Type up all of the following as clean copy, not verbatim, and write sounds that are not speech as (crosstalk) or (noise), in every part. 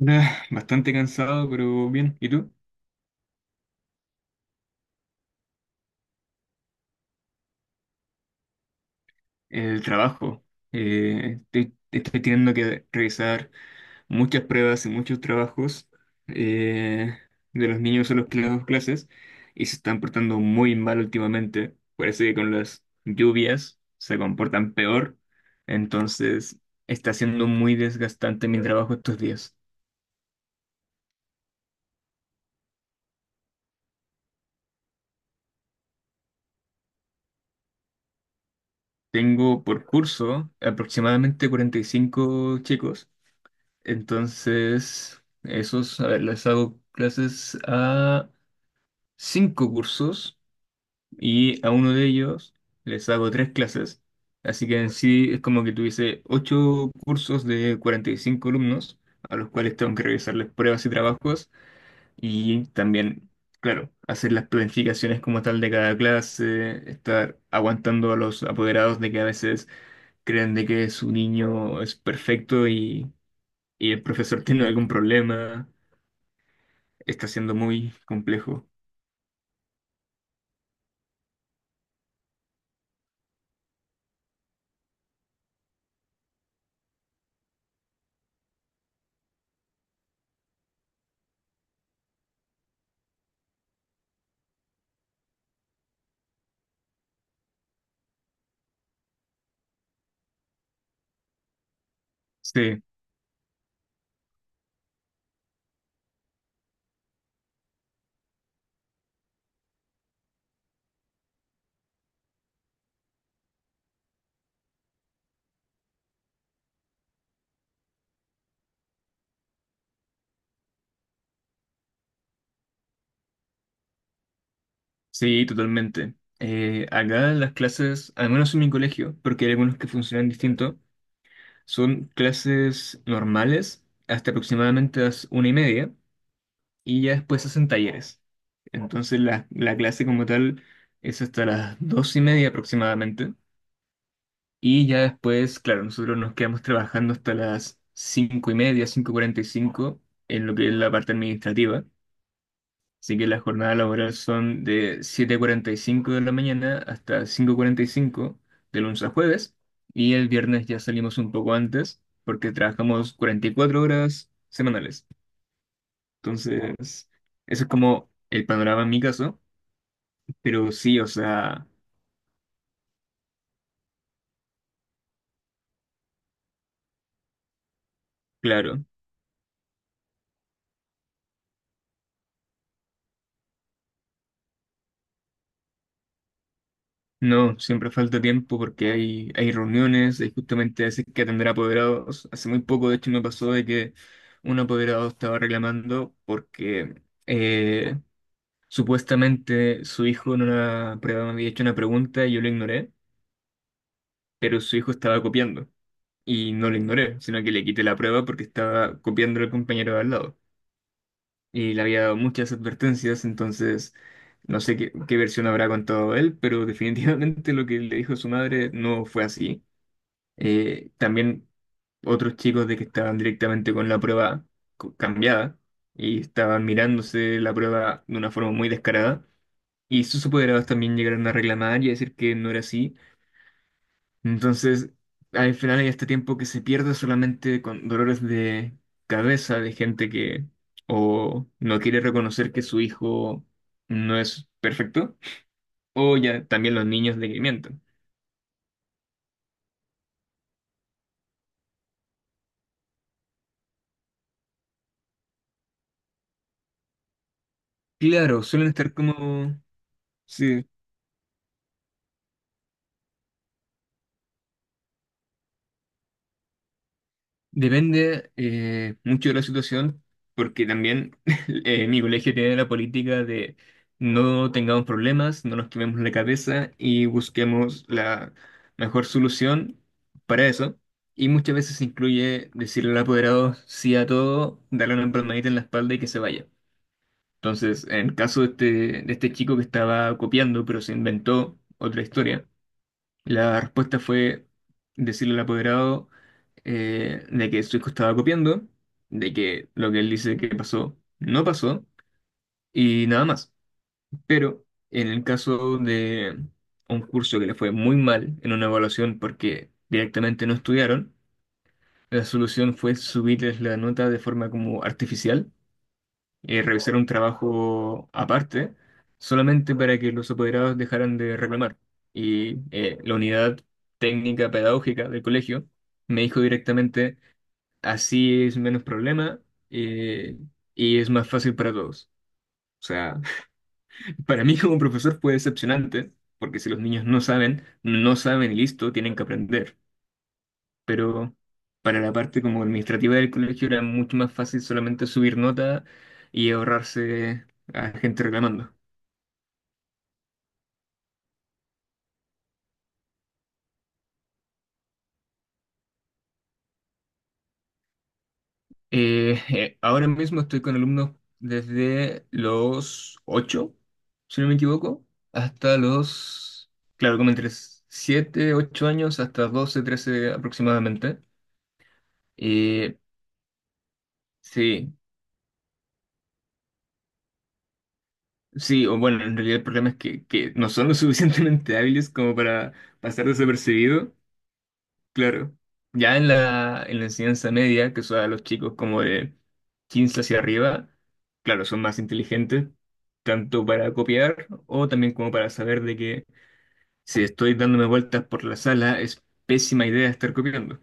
Nah, bastante cansado, pero bien. ¿Y tú? El trabajo. Estoy teniendo que revisar muchas pruebas y muchos trabajos eh, de los niños a los que les doy clases, y se están portando muy mal últimamente. Parece que con las lluvias se comportan peor. Entonces, está siendo muy desgastante mi trabajo estos días. Tengo por curso aproximadamente 45 chicos. Entonces, esos, a ver, les hago clases a cinco cursos, y a uno de ellos les hago tres clases. Así que en sí es como que tuviese ocho cursos de 45 alumnos, a los cuales tengo que revisarles pruebas y trabajos, y también, claro, hacer las planificaciones como tal de cada clase, estar aguantando a los apoderados de que a veces creen de que su niño es perfecto y el profesor (laughs) tiene algún problema, está siendo muy complejo. Sí, sí, totalmente. Acá las clases, al menos en mi colegio, porque hay algunos que funcionan distinto, son clases normales hasta aproximadamente las una y media, y ya después hacen talleres. Entonces la clase como tal es hasta las dos y media aproximadamente, y ya después, claro, nosotros nos quedamos trabajando hasta las cinco y media, cinco cuarenta y cinco, en lo que es la parte administrativa. Así que las jornadas laborales son de siete cuarenta y cinco de la mañana hasta cinco cuarenta y cinco, de lunes a jueves. Y el viernes ya salimos un poco antes porque trabajamos 44 horas semanales. Entonces, eso es como el panorama en mi caso. Pero sí, o sea, claro, no, siempre falta tiempo porque hay reuniones, hay justamente a veces que atender a apoderados. Hace muy poco, de hecho, me pasó de que un apoderado estaba reclamando porque supuestamente su hijo en una prueba me había hecho una pregunta y yo lo ignoré, pero su hijo estaba copiando. Y no lo ignoré, sino que le quité la prueba porque estaba copiando al compañero de al lado. Y le había dado muchas advertencias, entonces no sé qué, qué versión habrá contado él, pero (laughs) definitivamente lo que le dijo su madre no fue así. También otros chicos de que estaban directamente con la prueba cambiada, y estaban mirándose la prueba de una forma muy descarada. Y sus superados también llegaron a reclamar y a decir que no era así. Entonces, al final hay este tiempo que se pierde solamente con dolores de cabeza de gente que o no quiere reconocer que su hijo no es perfecto, o ya también los niños de que mienten. Claro, suelen estar como sí, depende mucho de la situación, porque también (laughs) mi colegio tiene la política de no tengamos problemas, no nos quememos la cabeza y busquemos la mejor solución para eso. Y muchas veces incluye decirle al apoderado sí a todo, darle una palmadita en la espalda y que se vaya. Entonces, en el caso de este chico que estaba copiando, pero se inventó otra historia. La respuesta fue decirle al apoderado de que su hijo estaba copiando, de que lo que él dice que pasó no pasó y nada más. Pero en el caso de un curso que le fue muy mal en una evaluación porque directamente no estudiaron, la solución fue subirles la nota de forma como artificial, revisar un trabajo aparte, solamente para que los apoderados dejaran de reclamar. Y la unidad técnica pedagógica del colegio me dijo directamente, así es menos problema, eh, y es más fácil para todos. O sea, (laughs) para mí como profesor fue decepcionante, porque si los niños no saben, no saben y listo, tienen que aprender. Pero para la parte como administrativa del colegio era mucho más fácil solamente subir nota y ahorrarse a gente reclamando. Ahora mismo estoy con alumnos desde los 8, si no me equivoco, hasta los, claro, como entre 7, 8 años, hasta 12, 13 aproximadamente. Eh, sí, sí, o bueno, en realidad el problema es que no son lo (laughs) suficientemente hábiles como para pasar desapercibido. Claro. Ya en la enseñanza media, que son a los chicos como de 15 hacia arriba, claro, son más inteligentes, tanto para copiar o también como para saber de que si estoy dándome vueltas por la sala es pésima idea estar copiando.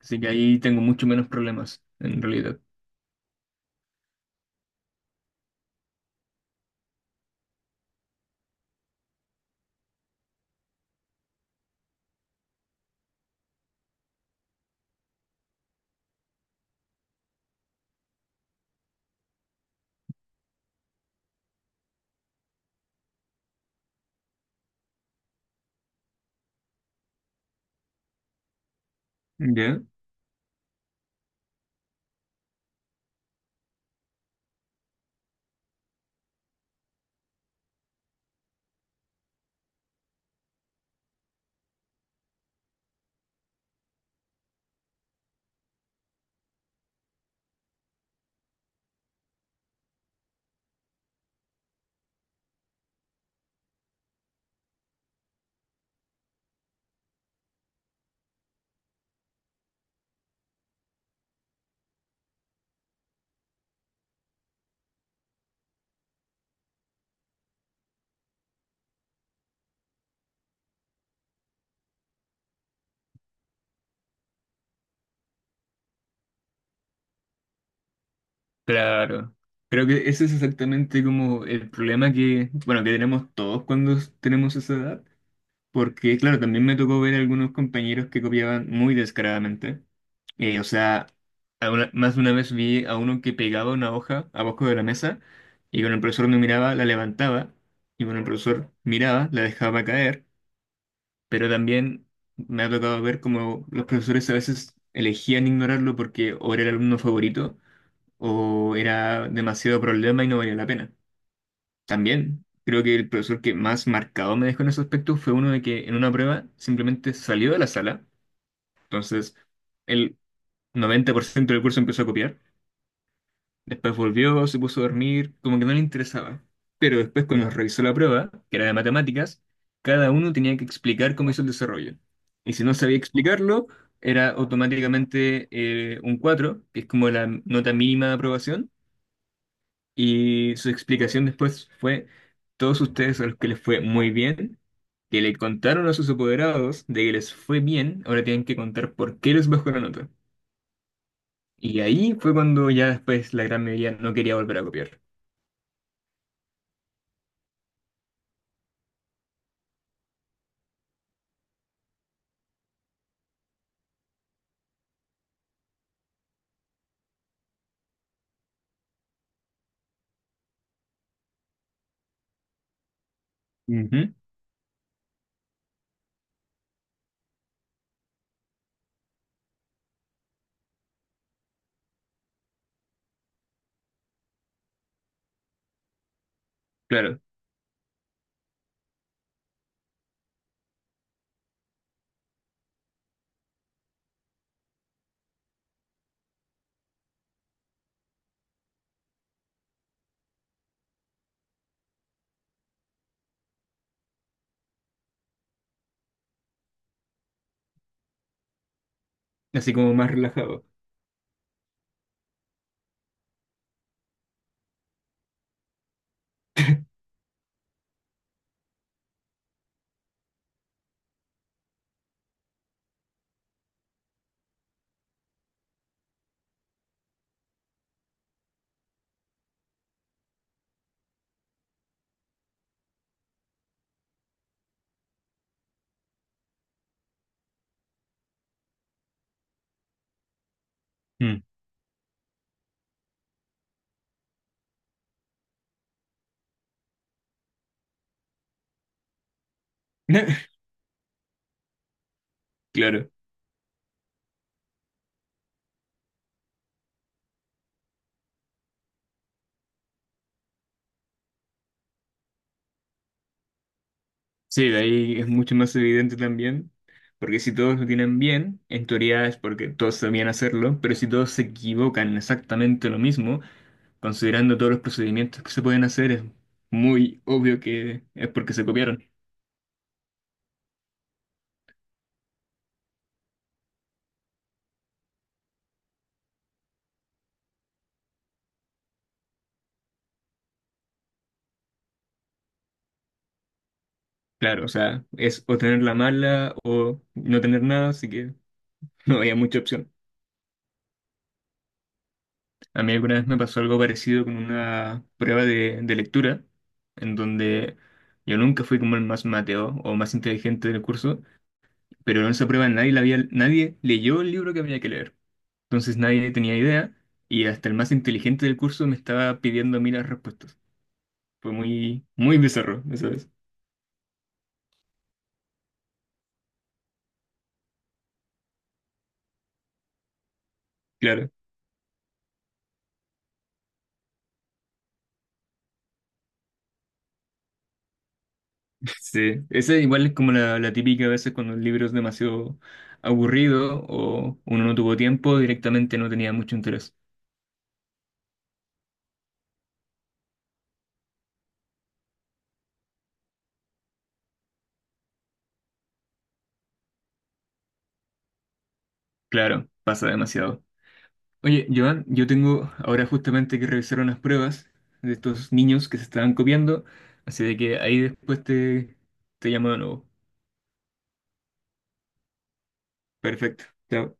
Así que ahí tengo mucho menos problemas, en realidad. ¿Ya? Claro. Creo que ese es exactamente como el problema que, bueno, que tenemos todos cuando tenemos esa edad. Porque, claro, también me tocó ver algunos compañeros que copiaban muy descaradamente. O sea, más de una vez vi a uno que pegaba una hoja abajo de la mesa y cuando el profesor no miraba, la levantaba, y cuando el profesor miraba, la dejaba caer. Pero también me ha tocado ver cómo los profesores a veces elegían ignorarlo porque o era el alumno favorito o era demasiado problema y no valía la pena. También creo que el profesor que más marcado me dejó en ese aspecto fue uno de que en una prueba simplemente salió de la sala. Entonces, el 90% del curso empezó a copiar. Después volvió, se puso a dormir, como que no le interesaba. Pero después, cuando nos revisó la prueba, que era de matemáticas, cada uno tenía que explicar cómo hizo el desarrollo. Y si no sabía explicarlo, era automáticamente un cuatro, que es como la nota mínima de aprobación. Y su explicación después fue, todos ustedes a los que les fue muy bien, que le contaron a sus apoderados de que les fue bien, ahora tienen que contar por qué les bajó la nota. Y ahí fue cuando ya después la gran mayoría no quería volver a copiar. Ujú. Claro, así como más relajado. Mm. (laughs) Claro, sí, de ahí es mucho más evidente también, porque si todos lo tienen bien, en teoría es porque todos sabían hacerlo, pero si todos se equivocan exactamente lo mismo, considerando todos los procedimientos que se pueden hacer, es muy obvio que es porque se copiaron. Claro, o sea, es o tener la mala o no tener nada, así que (laughs) no había mucha opción. A mí alguna vez me pasó algo parecido con una prueba de lectura, en donde yo nunca fui como el más mateo o más inteligente del curso, pero en esa prueba nadie, la había, nadie leyó el libro que había que leer. Entonces nadie tenía idea, y hasta el más inteligente del curso me estaba pidiendo a mí las respuestas. Fue muy bizarro, ¿sabes? Claro, (laughs) sí. Esa igual es como la típica a veces cuando el libro es demasiado aburrido o uno no tuvo tiempo, directamente no tenía mucho interés. Claro, pasa demasiado. Oye, Joan, yo tengo ahora justamente que revisar unas pruebas de estos niños que se estaban copiando, así de que ahí después te llamo de nuevo. Perfecto. Chao.